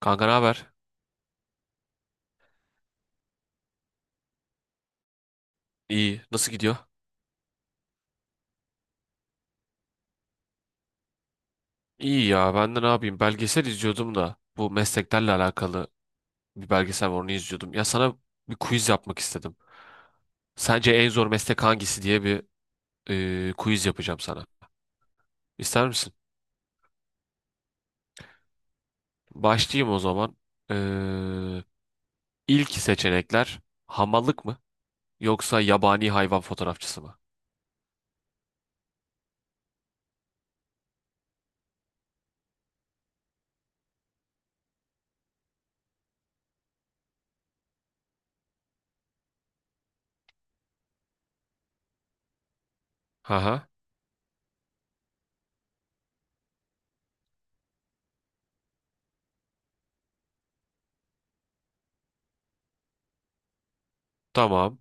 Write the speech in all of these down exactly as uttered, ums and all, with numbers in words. Kanka ne haber? İyi. Nasıl gidiyor? İyi ya. Ben de ne yapayım? Belgesel izliyordum da bu mesleklerle alakalı bir belgesel var, onu izliyordum. Ya sana bir quiz yapmak istedim. Sence en zor meslek hangisi diye bir e, quiz yapacağım sana. İster misin? Başlayayım o zaman. E, ilk seçenekler hamallık mı yoksa yabani hayvan fotoğrafçısı mı? Haha. Tamam.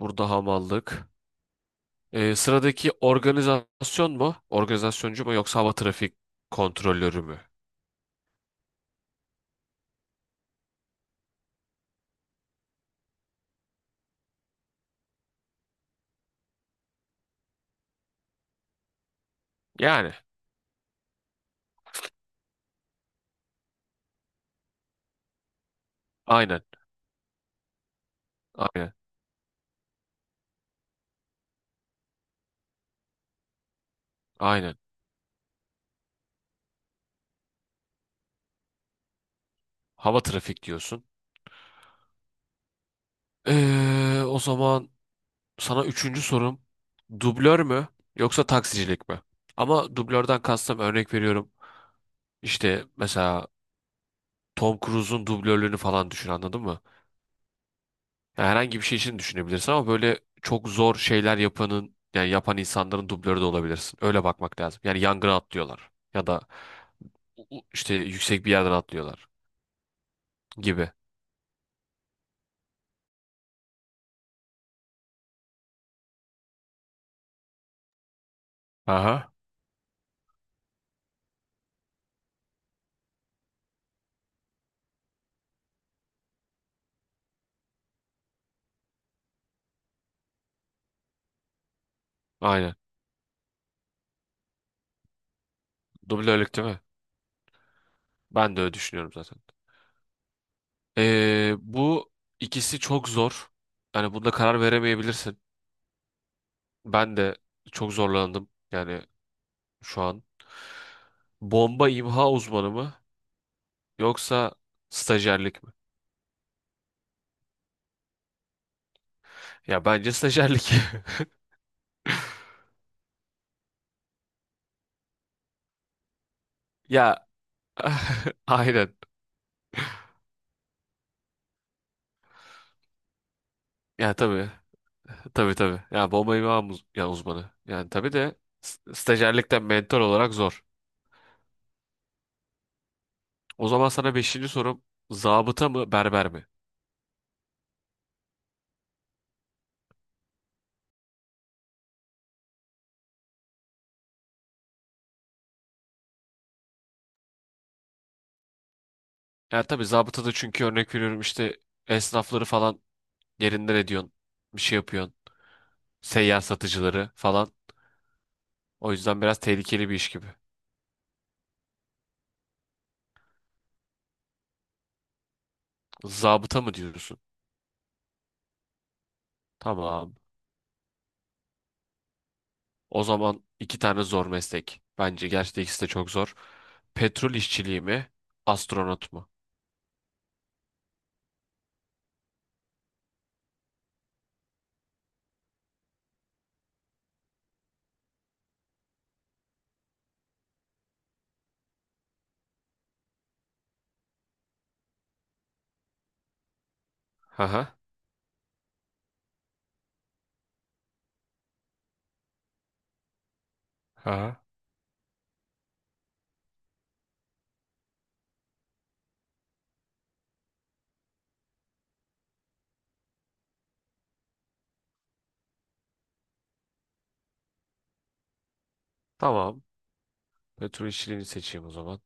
Burada hamallık. Ee, sıradaki organizasyon mu? Organizasyoncu mu yoksa hava trafik kontrolörü mü? Yani aynen. Aynen. Aynen. Hava trafik diyorsun. Ee, o zaman sana üçüncü sorum. Dublör mü yoksa taksicilik mi? Ama dublörden kastım örnek veriyorum. İşte mesela Tom Cruise'un dublörlüğünü falan düşün, anladın mı? Ya herhangi bir şey için düşünebilirsin ama böyle çok zor şeyler yapanın, yani yapan insanların dublörü de olabilirsin. Öyle bakmak lazım. Yani yangına atlıyorlar ya da u- u- işte yüksek bir yerden atlıyorlar gibi. Aha. Aynen. Dublörlük değil mi? Ben de öyle düşünüyorum zaten. Ee, bu ikisi çok zor. Yani bunda karar veremeyebilirsin. Ben de çok zorlandım yani şu an. Bomba imha uzmanı mı yoksa stajyerlik mi? Ya bence stajyerlik. Ya aynen. Ya tabii. Tabii tabii. Ya bomba imha muz- ya uzmanı. Yani tabii de s- stajyerlikten mentor olarak zor. O zaman sana beşinci sorum, zabıta mı berber mi? Ya tabii zabıta da, çünkü örnek veriyorum işte esnafları falan yerinden ediyorsun. Bir şey yapıyorsun. Seyyar satıcıları falan. O yüzden biraz tehlikeli bir iş gibi. Zabıta mı diyorsun? Tamam. O zaman iki tane zor meslek. Bence gerçekten ikisi de çok zor. Petrol işçiliği mi? Astronot mu? Hı hı. Hı hı. Tamam. Petrol işçiliğini seçeyim o zaman.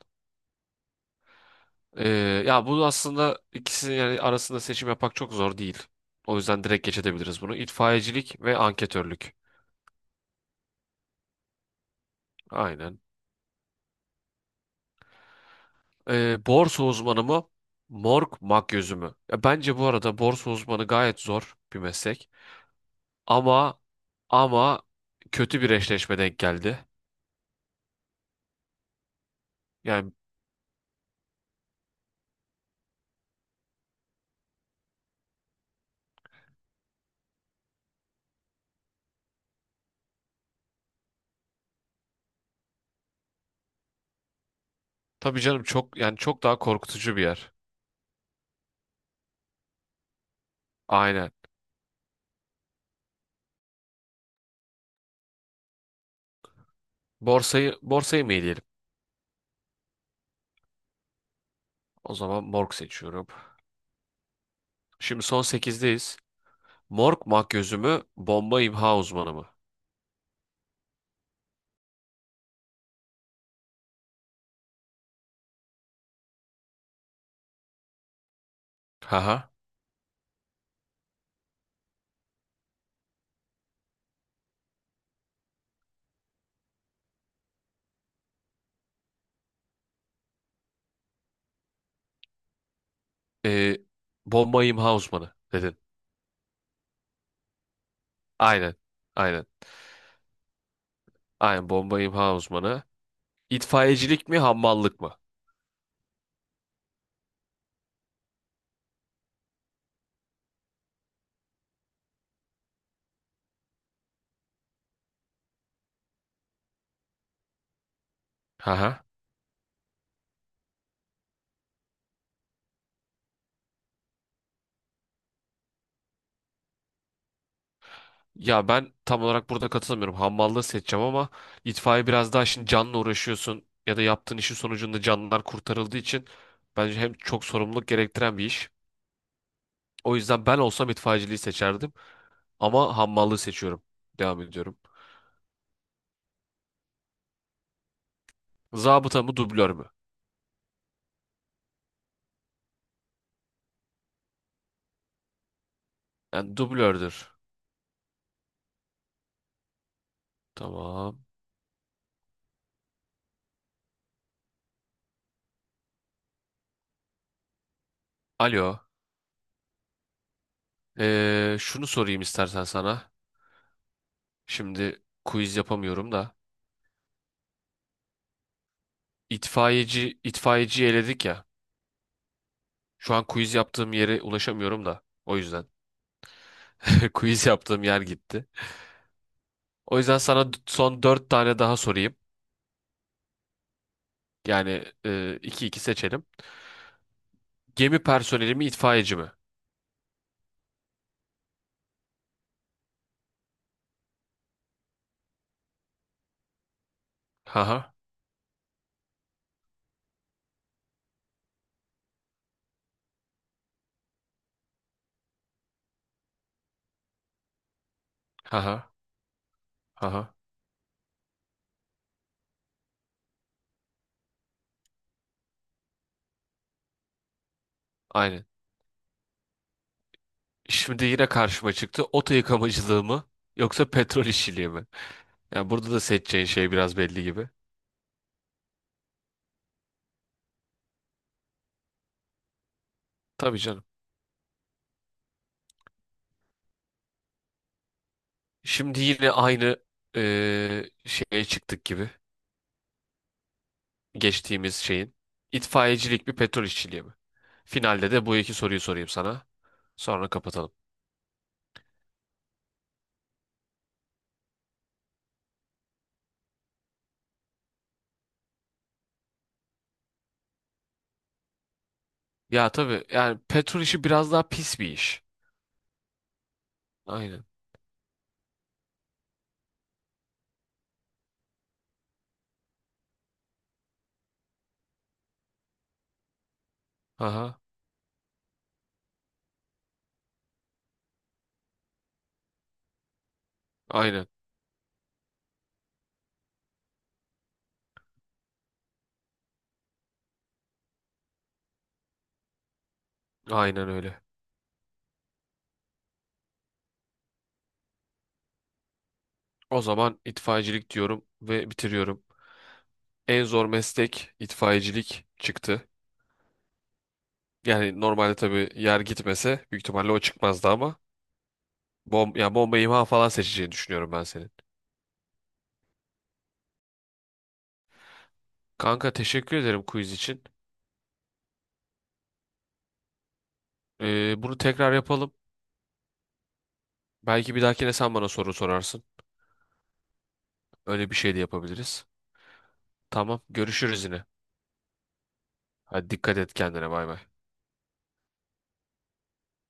Ee, Ya bu aslında ikisinin yani arasında seçim yapmak çok zor değil. O yüzden direkt geç edebiliriz bunu. İtfaiyecilik ve anketörlük. Aynen. Ee, borsa uzmanı mı? Morg makyözü mü? Ya bence bu arada borsa uzmanı gayet zor bir meslek. Ama ama kötü bir eşleşme denk geldi. Yani tabii canım, çok yani çok daha korkutucu bir yer. Aynen. Borsayı borsayı mı eleyelim? O zaman morg seçiyorum. Şimdi son sekizdeyiz. Morg makyözü mü? Bomba imha uzmanı mı? Haha. Ee, Bomba imha uzmanı dedin. Aynen. Aynen. Aynen, bomba imha uzmanı. İtfaiyecilik mi hammallık mı? Haha. Ya ben tam olarak burada katılmıyorum. Hammallığı seçeceğim ama itfaiye biraz daha, şimdi canla uğraşıyorsun ya da yaptığın işin sonucunda canlılar kurtarıldığı için bence hem çok sorumluluk gerektiren bir iş. O yüzden ben olsam itfaiyeciliği seçerdim ama hammallığı seçiyorum. Devam ediyorum. Zabıta mı dublör mü? Yani dublördür. Tamam. Alo. Ee, şunu sorayım istersen sana. Şimdi quiz yapamıyorum da. İtfaiyeci, itfaiyeciyi eledik ya. Şu an quiz yaptığım yere ulaşamıyorum da. O yüzden. Quiz yaptığım yer gitti. O yüzden sana d- son dört tane daha sorayım. Yani e, iki iki seçelim. Gemi personeli mi itfaiyeci mi? Haha. Haha. Haha. Aynen. Şimdi yine karşıma çıktı. Oto yıkamacılığı mı? Yoksa petrol işçiliği mi? Yani burada da seçeceğin şey biraz belli gibi. Tabii canım. Şimdi yine aynı eee, şeye çıktık gibi. Geçtiğimiz şeyin. İtfaiyecilik mi petrol işçiliği mi? Finalde de bu iki soruyu sorayım sana. Sonra kapatalım. Ya tabii, yani petrol işi biraz daha pis bir iş. Aynen. Aha. Aynen. Aynen öyle. O zaman itfaiyecilik diyorum ve bitiriyorum. En zor meslek itfaiyecilik çıktı. Yani normalde tabii yer gitmese büyük ihtimalle o çıkmazdı ama bom ya bomba imha falan seçeceğini düşünüyorum ben senin. Kanka teşekkür ederim quiz için. Ee, bunu tekrar yapalım. Belki bir dahakine sen bana soru sorarsın. Öyle bir şey de yapabiliriz. Tamam, görüşürüz yine. Hadi dikkat et kendine, bay bay.